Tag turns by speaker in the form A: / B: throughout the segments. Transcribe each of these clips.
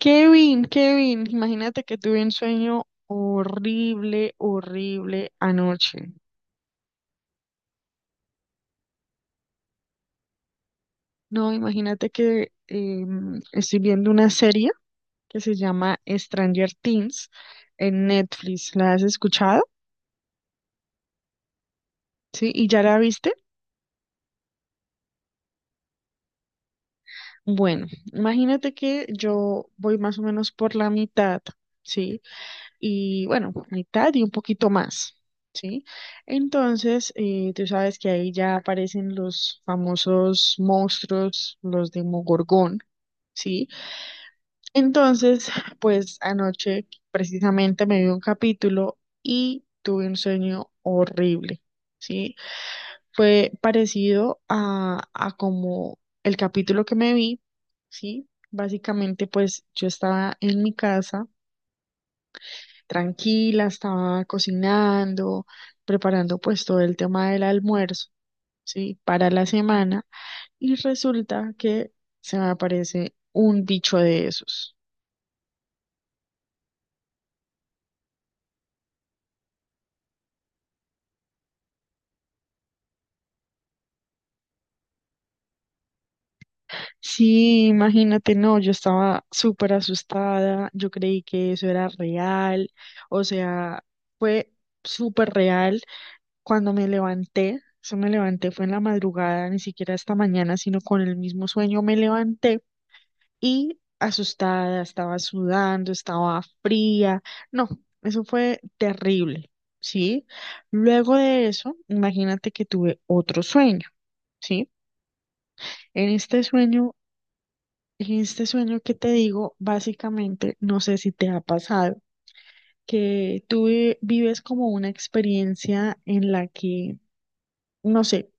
A: Kevin, Kevin, imagínate que tuve un sueño horrible, horrible anoche. No, imagínate que estoy viendo una serie que se llama Stranger Things en Netflix. ¿La has escuchado? ¿Sí? ¿Y ya la viste? Bueno, imagínate que yo voy más o menos por la mitad, ¿sí? Y bueno, mitad y un poquito más, ¿sí? Entonces, tú sabes que ahí ya aparecen los famosos monstruos, los de Mogorgón, ¿sí? Entonces, pues anoche precisamente me vi un capítulo y tuve un sueño horrible, ¿sí? Fue parecido a como el capítulo que me vi, ¿sí? Básicamente, pues yo estaba en mi casa tranquila, estaba cocinando, preparando pues todo el tema del almuerzo, ¿sí? Para la semana y resulta que se me aparece un bicho de esos. Sí, imagínate, no, yo estaba súper asustada, yo creí que eso era real, o sea, fue súper real cuando me levanté, eso me levanté fue en la madrugada, ni siquiera esta mañana, sino con el mismo sueño me levanté y asustada, estaba sudando, estaba fría. No, eso fue terrible, ¿sí? Luego de eso, imagínate que tuve otro sueño, ¿sí? En este sueño, en este sueño que te digo, básicamente, no sé si te ha pasado, que vives como una experiencia en la que, no sé,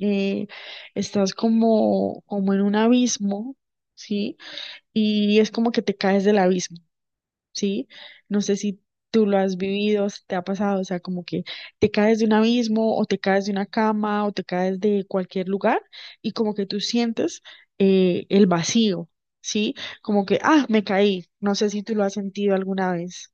A: eh, estás como, como en un abismo, ¿sí? Y es como que te caes del abismo. ¿Sí? No sé si tú lo has vivido, si te ha pasado, o sea, como que te caes de un abismo o te caes de una cama o te caes de cualquier lugar y como que tú sientes el vacío, ¿sí? Como que, ah, me caí, no sé si tú lo has sentido alguna vez.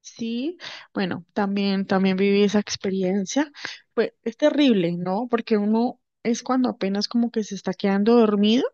A: Sí, bueno, también, también viví esa experiencia. Pues es terrible, ¿no? Porque uno es cuando apenas como que se está quedando dormido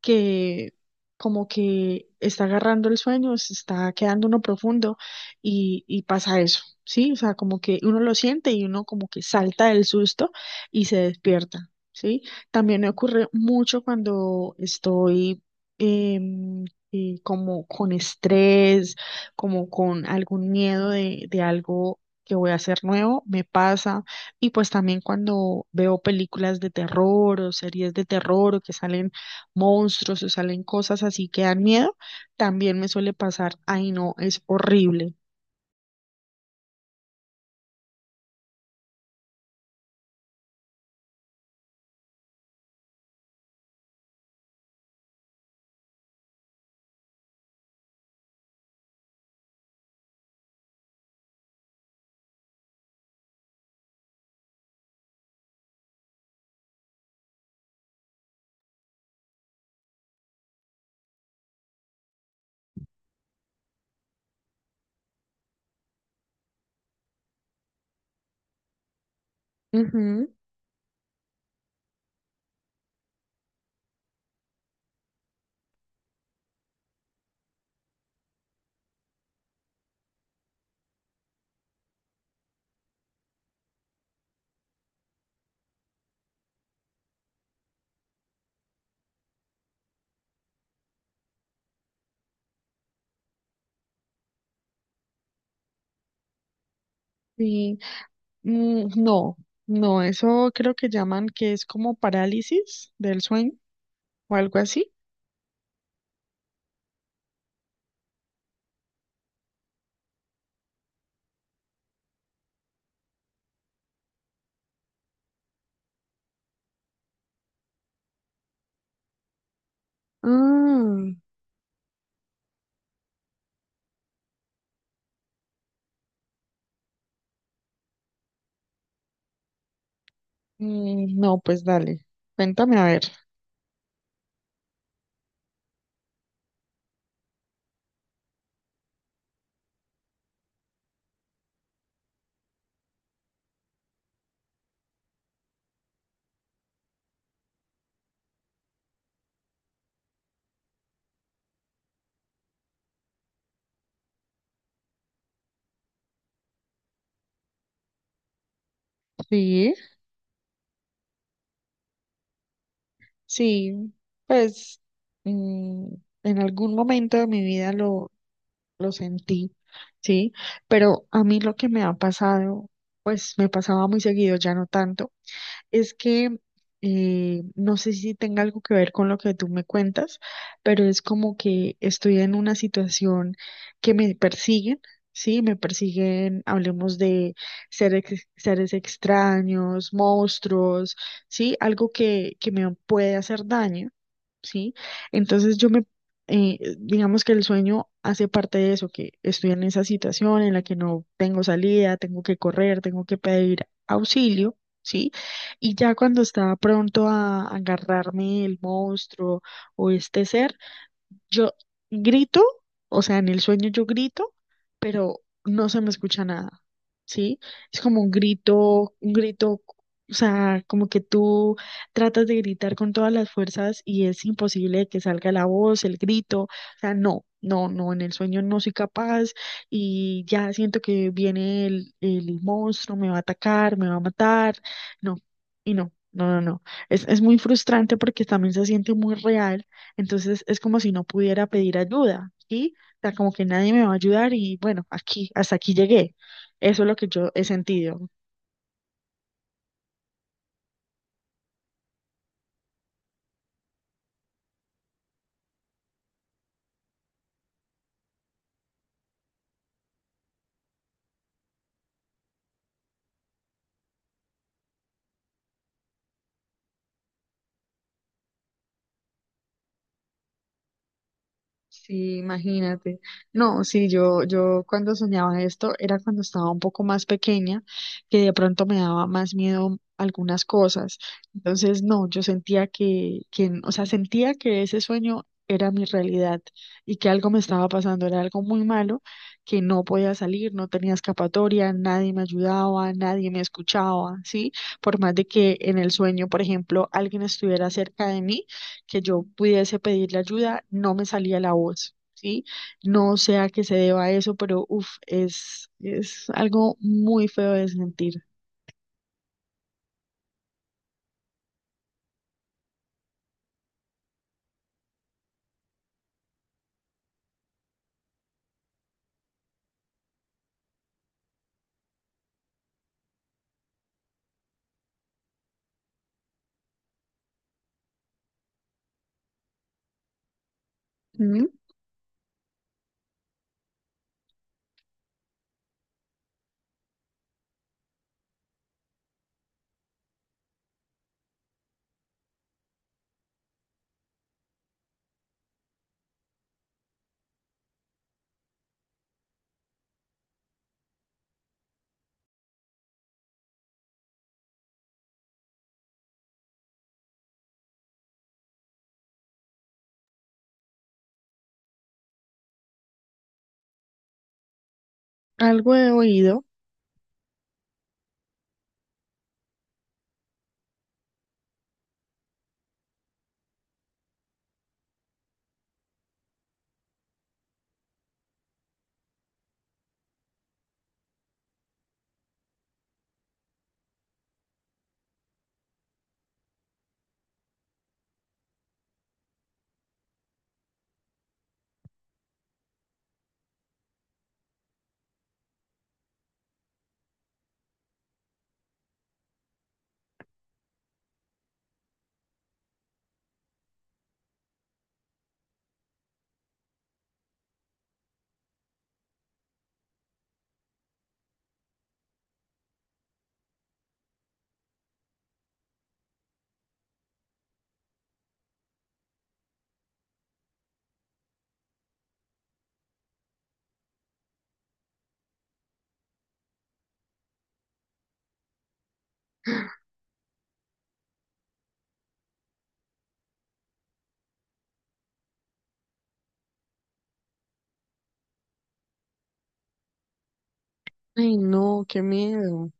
A: que como que está agarrando el sueño, se está quedando uno profundo y pasa eso, ¿sí? O sea, como que uno lo siente y uno como que salta del susto y se despierta, ¿sí? También me ocurre mucho cuando estoy... em, como con estrés, como con algún miedo de algo que voy a hacer nuevo, me pasa. Y pues también cuando veo películas de terror o series de terror o que salen monstruos o salen cosas así que dan miedo, también me suele pasar. Ay, no, es horrible. Ujú, sí. Mm, no, no, eso creo que llaman que es como parálisis del sueño o algo así. Ah, mm, no, pues dale, cuéntame a ver. Sí, sí, pues mm, en algún momento de mi vida lo sentí, sí, pero a mí lo que me ha pasado, pues me pasaba muy seguido, ya no tanto. Es que no sé si tenga algo que ver con lo que tú me cuentas, pero es como que estoy en una situación que me persiguen, ¿sí? Me persiguen, hablemos de seres, seres extraños, monstruos, ¿sí? Algo que me puede hacer daño. ¿Sí? Entonces yo me, digamos que el sueño hace parte de eso, que estoy en esa situación en la que no tengo salida, tengo que correr, tengo que pedir auxilio, ¿sí? Y ya cuando está pronto a agarrarme el monstruo o este ser, yo grito, o sea, en el sueño yo grito, pero no se me escucha nada, ¿sí? Es como un grito, o sea, como que tú tratas de gritar con todas las fuerzas y es imposible que salga la voz, el grito, o sea, no, no, no, en el sueño no soy capaz y ya siento que viene el monstruo, me va a atacar, me va a matar, no, y no, no, no, no. Es muy frustrante porque también se siente muy real entonces es como si no pudiera pedir ayuda, ¿sí? O sea, como que nadie me va a ayudar y bueno, aquí, hasta aquí llegué. Eso es lo que yo he sentido. Sí, imagínate. No, sí, yo cuando soñaba esto era cuando estaba un poco más pequeña, que de pronto me daba más miedo algunas cosas. Entonces, no, yo sentía o sea, sentía que ese sueño era mi realidad y que algo me estaba pasando, era algo muy malo, que no podía salir, no tenía escapatoria, nadie me ayudaba, nadie me escuchaba, ¿sí? Por más de que en el sueño, por ejemplo, alguien estuviera cerca de mí que yo pudiese pedirle ayuda, no me salía la voz, ¿sí? No sé a qué se deba eso, pero uff, es algo muy feo de sentir. ¿Mm? Algo de oído. Ay, no, qué miedo.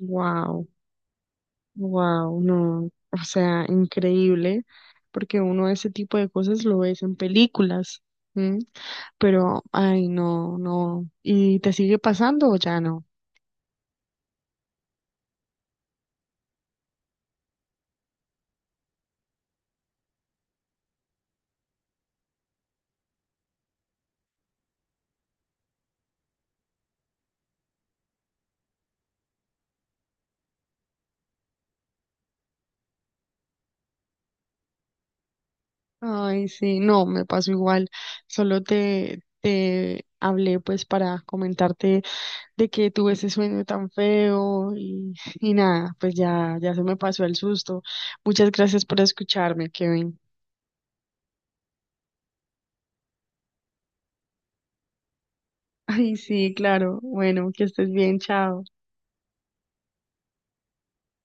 A: Wow, wow, no. O sea, increíble, porque uno ese tipo de cosas lo ves en películas. ¿Mm? Pero, ay, no, no. ¿Y te sigue pasando o ya no? Ay, sí, no, me pasó igual. Solo te hablé pues para comentarte de que tuve ese sueño tan feo y nada, pues ya, ya se me pasó el susto. Muchas gracias por escucharme, Kevin. Ay, sí, claro. Bueno, que estés bien, chao.